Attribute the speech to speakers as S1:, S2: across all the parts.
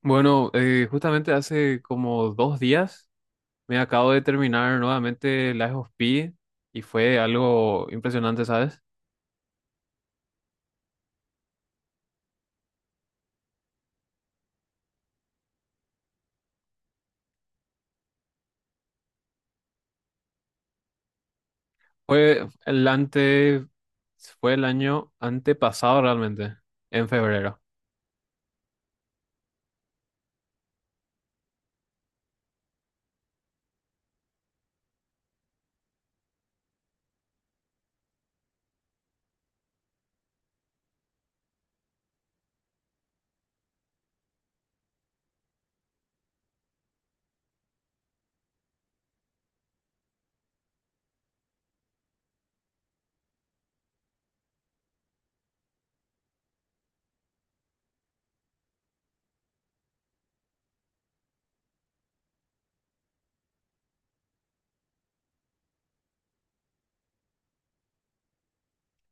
S1: Bueno, justamente hace como 2 días me acabo de terminar nuevamente Lies of P y fue algo impresionante, ¿sabes? Fue el ante, Fue el año antepasado realmente, en febrero.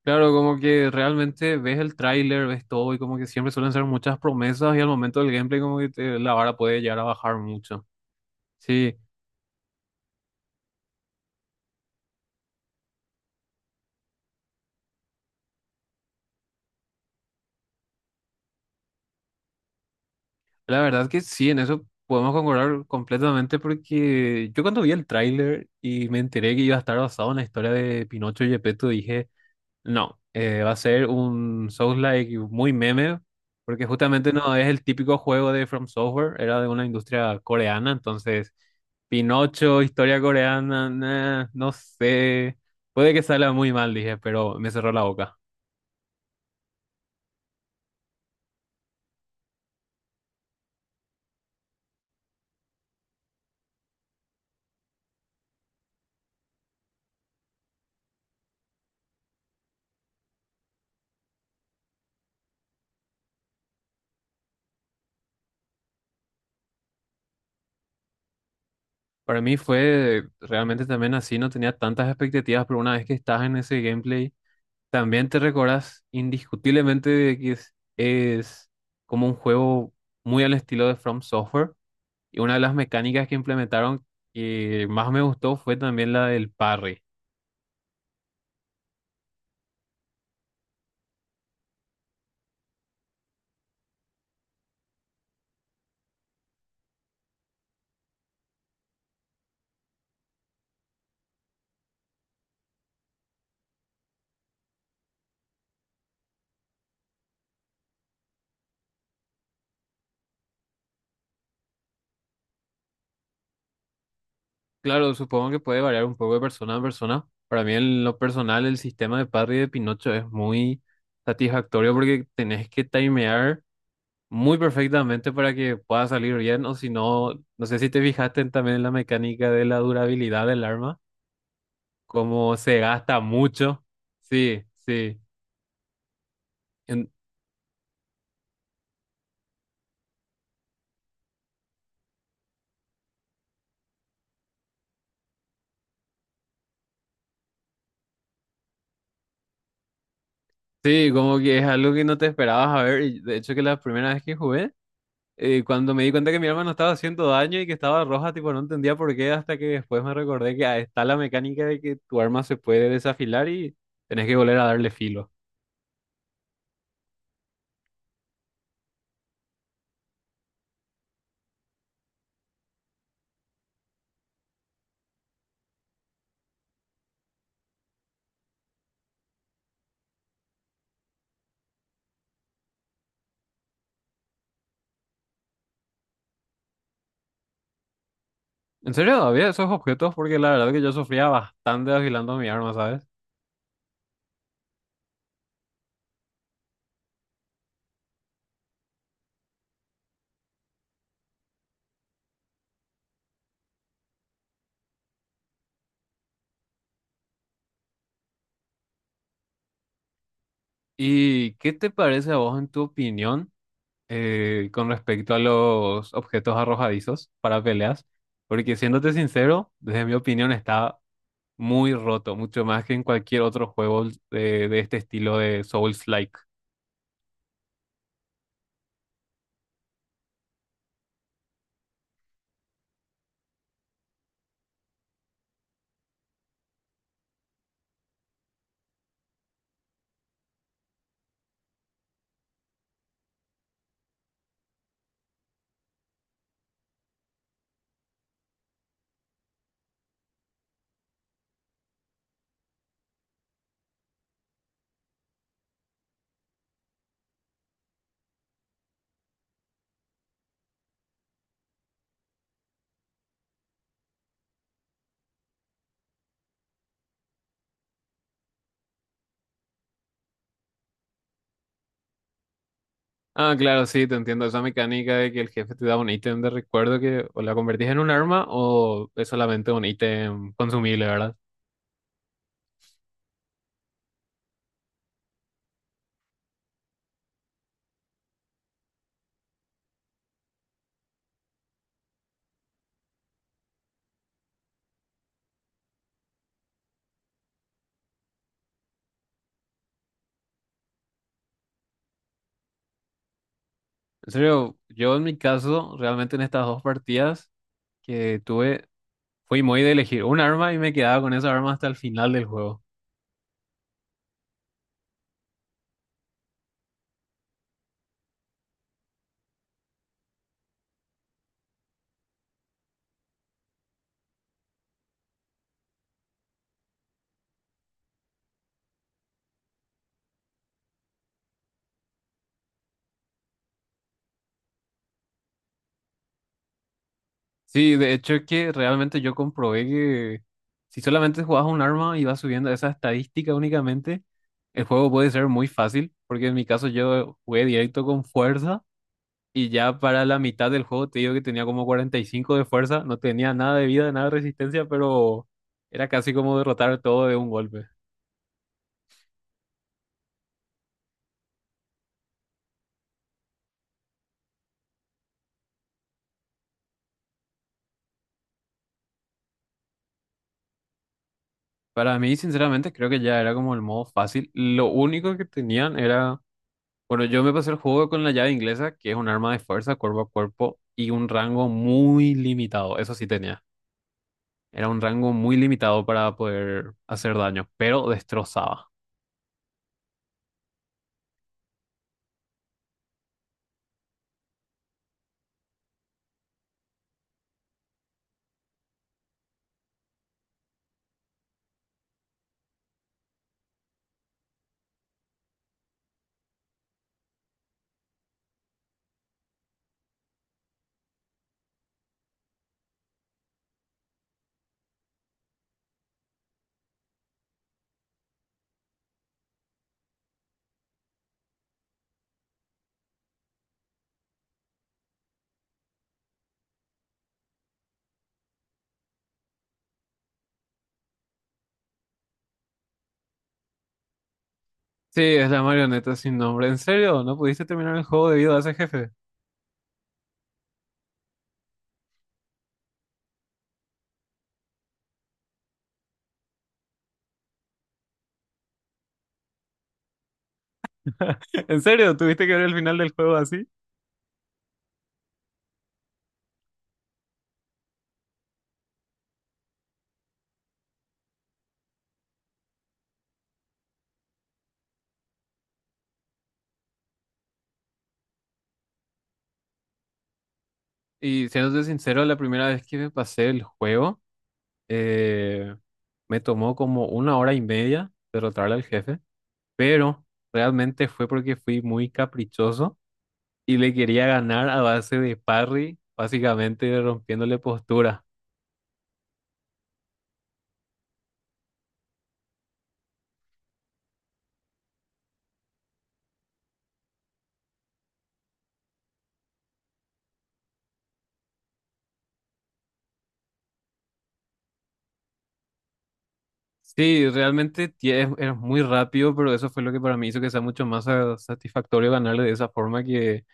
S1: Claro, como que realmente ves el tráiler, ves todo y como que siempre suelen ser muchas promesas y al momento del gameplay como que la vara puede llegar a bajar mucho. Sí, la verdad que sí, en eso podemos concordar completamente porque yo cuando vi el tráiler y me enteré que iba a estar basado en la historia de Pinocho y Gepetto, dije, no, va a ser un Souls-like muy meme, porque justamente no es el típico juego de From Software, era de una industria coreana, entonces Pinocho, historia coreana, nah, no sé, puede que salga muy mal, dije, pero me cerró la boca. Para mí fue realmente también así, no tenía tantas expectativas, pero una vez que estás en ese gameplay también te recordás indiscutiblemente de que es como un juego muy al estilo de From Software. Y una de las mecánicas que implementaron que más me gustó fue también la del parry. Claro, supongo que puede variar un poco de persona a persona. Para mí, en lo personal, el sistema de parry de Pinocho es muy satisfactorio porque tenés que timear muy perfectamente para que pueda salir bien. O si no, no sé si te fijaste también en la mecánica de la durabilidad del arma cómo se gasta mucho. Sí, sí. En- sí, como que es algo que no te esperabas a ver. Y de hecho, que la primera vez que jugué, cuando me di cuenta que mi arma no estaba haciendo daño y que estaba roja, tipo, no entendía por qué, hasta que después me recordé que ah, está la mecánica de que tu arma se puede desafilar y tenés que volver a darle filo. En serio, había esos objetos porque la verdad que yo sufría bastante afilando mi arma, ¿sabes? ¿Y qué te parece a vos, en tu opinión? Con respecto a los objetos arrojadizos para peleas, porque siéndote sincero, desde mi opinión está muy roto, mucho más que en cualquier otro juego de este estilo de Souls-like. Ah, claro, sí, te entiendo esa mecánica de que el jefe te da un ítem de recuerdo que o la convertís en un arma o es solamente un ítem consumible, ¿verdad? En serio, yo en mi caso, realmente en estas dos partidas que tuve, fui muy de elegir un arma y me quedaba con esa arma hasta el final del juego. Sí, de hecho es que realmente yo comprobé que si solamente jugabas un arma y vas subiendo esa estadística únicamente, el juego puede ser muy fácil, porque en mi caso yo jugué directo con fuerza y ya para la mitad del juego te digo que tenía como 45 de fuerza, no tenía nada de vida, nada de resistencia, pero era casi como derrotar todo de un golpe. Para mí, sinceramente, creo que ya era como el modo fácil. Lo único que tenían era. Bueno, yo me pasé el juego con la llave inglesa, que es un arma de fuerza cuerpo a cuerpo y un rango muy limitado. Eso sí tenía. Era un rango muy limitado para poder hacer daño, pero destrozaba. Sí, es la marioneta sin nombre. ¿En serio? ¿No pudiste terminar el juego debido a ese jefe? ¿En serio? ¿Tuviste que ver el final del juego así? Y siéndote sincero, la primera vez que me pasé el juego, eh, me tomó como 1 hora y media derrotarle al jefe, pero realmente fue porque fui muy caprichoso y le quería ganar a base de parry, básicamente rompiéndole postura. Sí, realmente es muy rápido, pero eso fue lo que para mí hizo que sea mucho más satisfactorio ganarle de esa forma que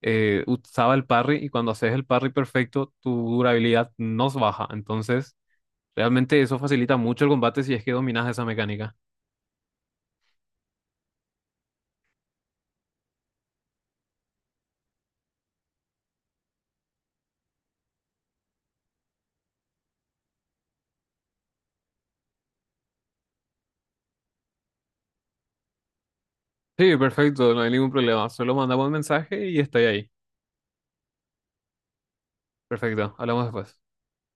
S1: usaba el parry y cuando haces el parry perfecto, tu durabilidad no se baja. Entonces, realmente eso facilita mucho el combate si es que dominas esa mecánica. Sí, perfecto, no hay ningún problema. Solo mandamos un mensaje y estoy ahí. Perfecto, hablamos después.